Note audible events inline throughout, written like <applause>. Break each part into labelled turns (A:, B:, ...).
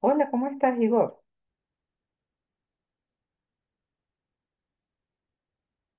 A: Hola, ¿cómo estás, Igor?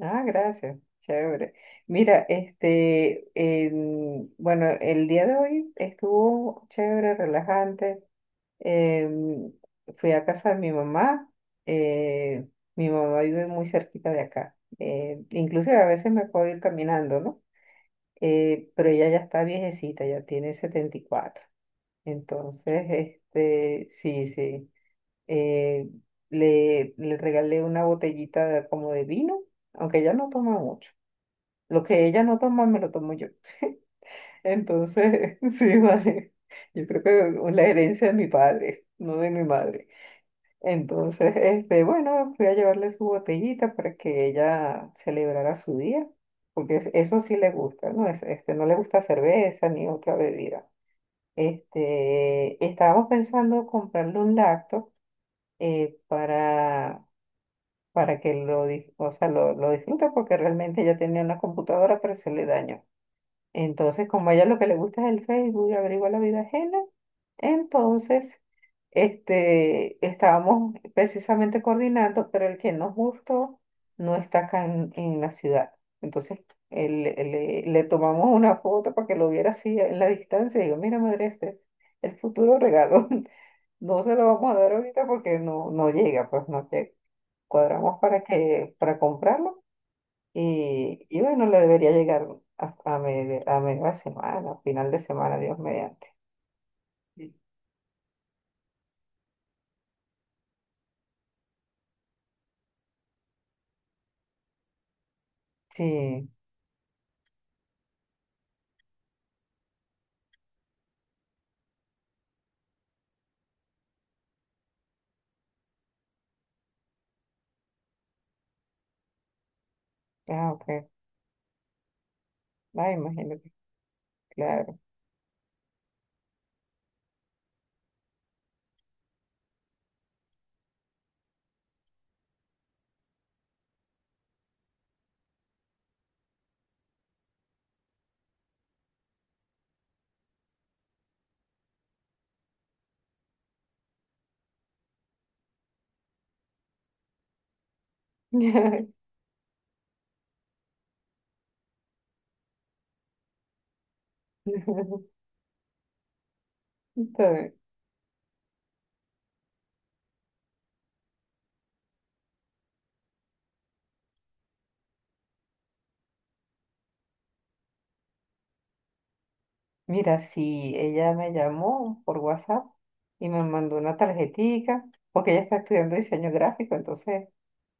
A: Ah, gracias, chévere. Mira, bueno, el día de hoy estuvo chévere, relajante. Em, fui a casa de mi mamá. eh, Mi mamá vive muy cerquita de acá. Inclusive a veces me puedo ir caminando, ¿no? Pero ella ya está viejecita, ya tiene 74. Entonces, este, sí, sí. eh, le le, regalé una botellita de- como de vino, aunque ella no toma mucho. Lo que ella no toma, me lo tomo yo. <laughs> Entonces, <laughs> sí, vale. Yo creo que es la herencia de mi padre, no de mi madre. Entonces, este, bueno, fui a llevarle su botellita para que ella celebrara su día, porque eso sí le gusta, ¿no? Este, no le gusta cerveza ni otra bebida. Este, estábamos pensando comprarle un lacto para que o sea, lo disfrute porque realmente ella tenía una computadora pero se le dañó. Entonces, como a ella lo que le gusta es el Facebook y averigua la vida ajena, entonces este, estábamos precisamente coordinando, pero el que nos gustó no está acá en la ciudad. Entonces le tomamos una foto para que lo viera así en la distancia. Digo, mira, madre, este es el futuro regalo. <laughs> No se lo vamos a dar ahorita porque no llega, pues no llega. Cuadramos para para comprarlo y bueno, le debería llegar a media semana, a final de semana, Dios mediante. Sí, sí, ah, ok. Ah, imagínate, claro. <laughs> Está bien. Mira, si ella me llamó por WhatsApp y me mandó una tarjetica, porque ella está estudiando diseño gráfico, entonces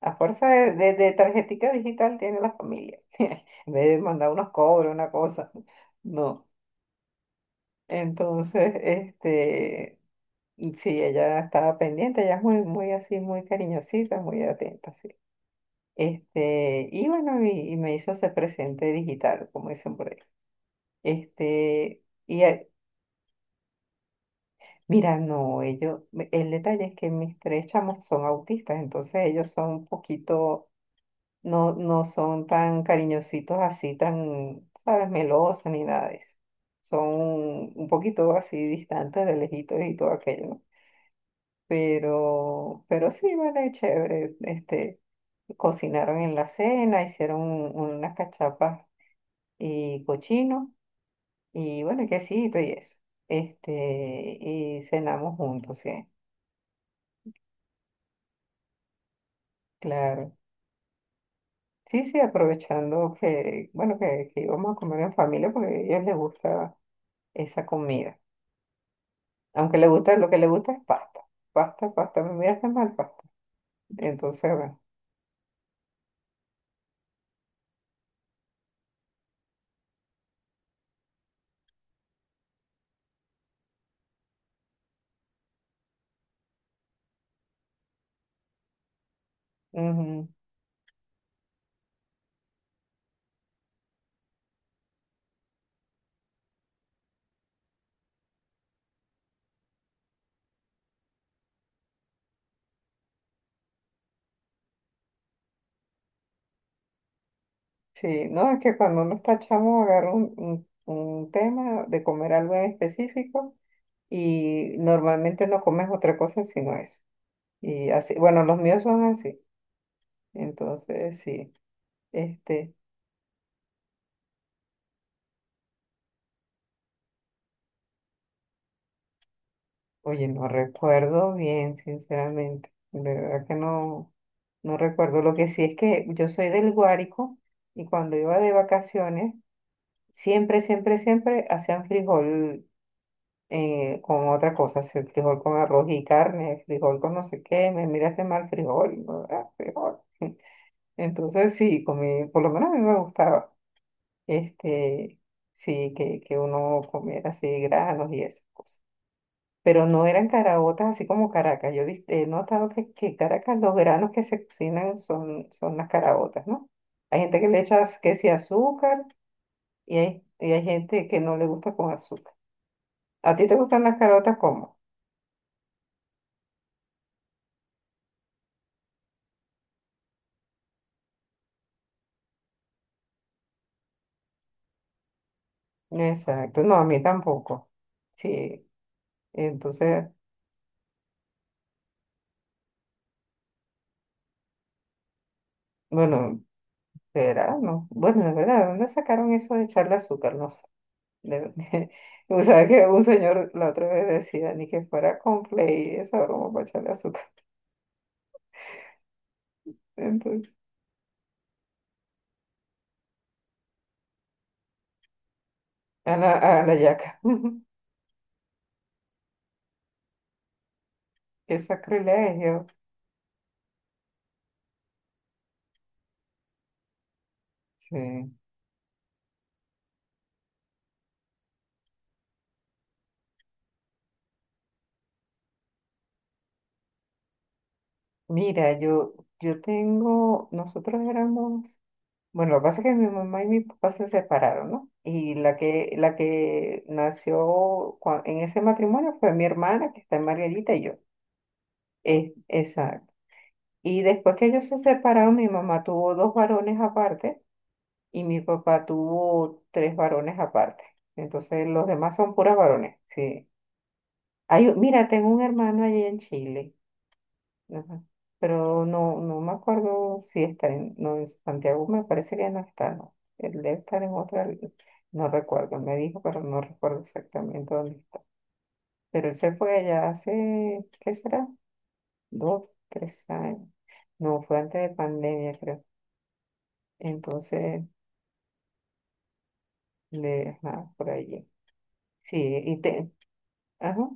A: a fuerza de tarjetica digital tiene la familia. <laughs> En vez de mandar unos cobros, una cosa. No. Entonces, <laughs> este, sí, ella estaba pendiente, ella es muy, muy así, muy cariñosita, muy atenta, sí. Este, y bueno, y me hizo ese presente digital, como dicen por ahí. Este, y mira, no, ellos, el detalle es que mis tres chamos son autistas, entonces ellos son un poquito, no, no son tan cariñositos así, tan, sabes, melosos ni nada de eso. Son un poquito así distantes de lejitos y todo aquello, ¿no? Pero sí, vale, chévere. Este, cocinaron en la cena, hicieron unas cachapas y cochino, y bueno, y quesito y eso. Este, y cenamos juntos, sí, claro. Sí, sí, aprovechando que, bueno, que íbamos a comer en familia porque a ellos les gusta esa comida. Aunque les gusta, lo que les gusta es pasta. Pasta, pasta, me miraste mal, pasta. Entonces, bueno. Sí, no, es que cuando uno está chamo agarra un tema de comer algo en específico y normalmente no comes otra cosa sino eso. Y así, bueno, los míos son así. Entonces, sí, este, oye, no recuerdo bien, sinceramente. De verdad que no, no recuerdo. Lo que sí es que yo soy del Guárico y cuando iba de vacaciones, siempre, siempre, siempre hacían frijol con otra cosa, si el frijol con arroz y carne, frijol con no sé qué, me miraste mal frijol, ¿no? Ah, frijol. <laughs> Entonces sí, comí, por lo menos a mí me gustaba, este, sí, que uno comiera así granos y esas cosas. Pero no eran caraotas así como Caracas. Yo he notado que Caracas los granos que se cocinan son las caraotas, ¿no? Hay gente que le echa que si azúcar y hay gente que no le gusta con azúcar. ¿A ti te gustan las caraotas cómo? Exacto, no, a mí tampoco. Sí, entonces, bueno, será, no. Bueno, de verdad, ¿de dónde sacaron eso de echarle azúcar? No sé. De- <laughs> O sea, que un señor la otra vez decía, ni que fuera Complay, esa broma para echarle azúcar. <laughs> Entonces, a la, a la yaca. <laughs> Qué sacrilegio. Sí. Mira, yo tengo, nosotros éramos bueno, lo que pasa es que mi mamá y mi papá se separaron, ¿no? Y la que, nació en ese matrimonio fue mi hermana, que está en Margarita, y yo. Exacto. Y después que ellos se separaron, mi mamá tuvo dos varones aparte y mi papá tuvo tres varones aparte. Entonces los demás son puras varones, sí. Hay, mira, tengo un hermano allí en Chile. Ajá. Pero no, no me acuerdo si está en, no, en Santiago, me parece que no está, no. Él debe estar en otra, no recuerdo, me dijo, pero no recuerdo exactamente dónde está. Pero él se fue allá hace, ¿qué será? Dos, tres años. No, fue antes de pandemia, creo. Entonces, le, ajá, por allí. Sí, y te, ajá,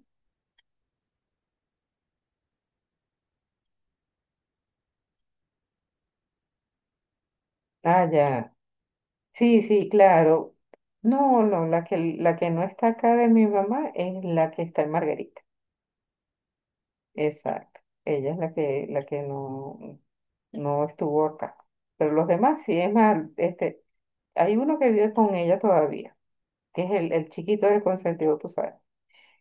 A: ah, ya. Sí, sí, claro. No, no, la que no está acá de mi mamá es la que está en Margarita. Exacto. Ella es la que no, no estuvo acá. Pero los demás sí, es más, este, hay uno que vive con ella todavía, que es el chiquito del consentido, tú sabes.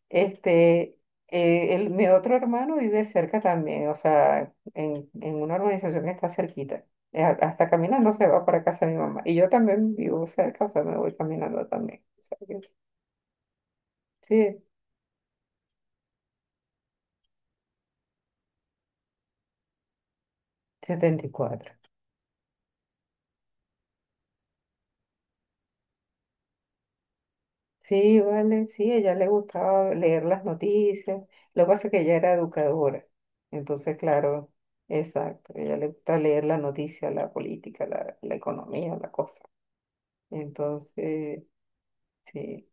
A: Este, mi otro hermano vive cerca también, o sea, en una organización que está cerquita. Hasta caminando se va para casa de mi mamá. Y yo también vivo cerca, o sea, me voy caminando también. O sea que, sí, 74. Sí, vale, sí, a ella le gustaba leer las noticias. Lo que pasa es que ella era educadora. Entonces, claro, exacto, a ella le gusta leer la noticia, la política, la economía, la cosa. Entonces, sí,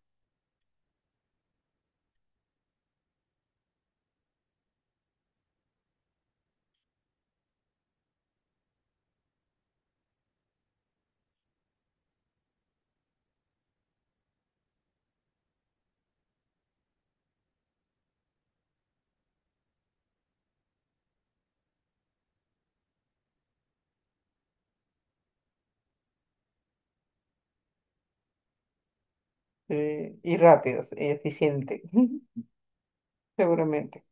A: y rápido, sí, eficiente, <laughs> seguramente,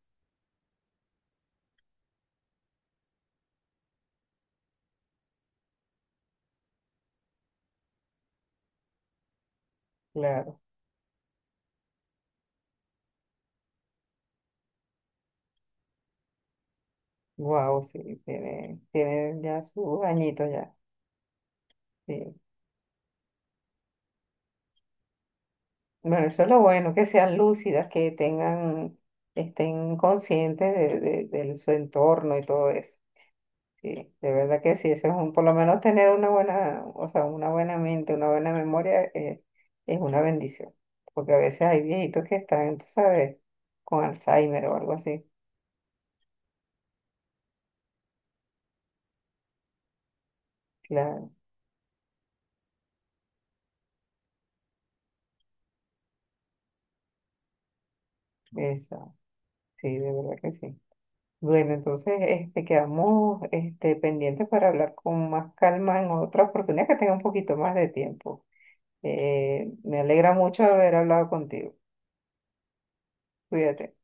A: claro. Wow, sí, tiene, tiene ya sus añitos ya. Sí. Bueno, eso es lo bueno, que sean lúcidas, que tengan, estén conscientes de su entorno y todo eso. Sí, de verdad que sí, eso es un, por lo menos tener una buena, o sea, una buena mente, una buena memoria es una bendición, porque a veces hay viejitos que están, tú sabes, con Alzheimer o algo así. Claro, eso, sí, de verdad que sí. Bueno, entonces este, quedamos este, pendientes para hablar con más calma en otra oportunidad que tenga un poquito más de tiempo. Me alegra mucho haber hablado contigo. Cuídate.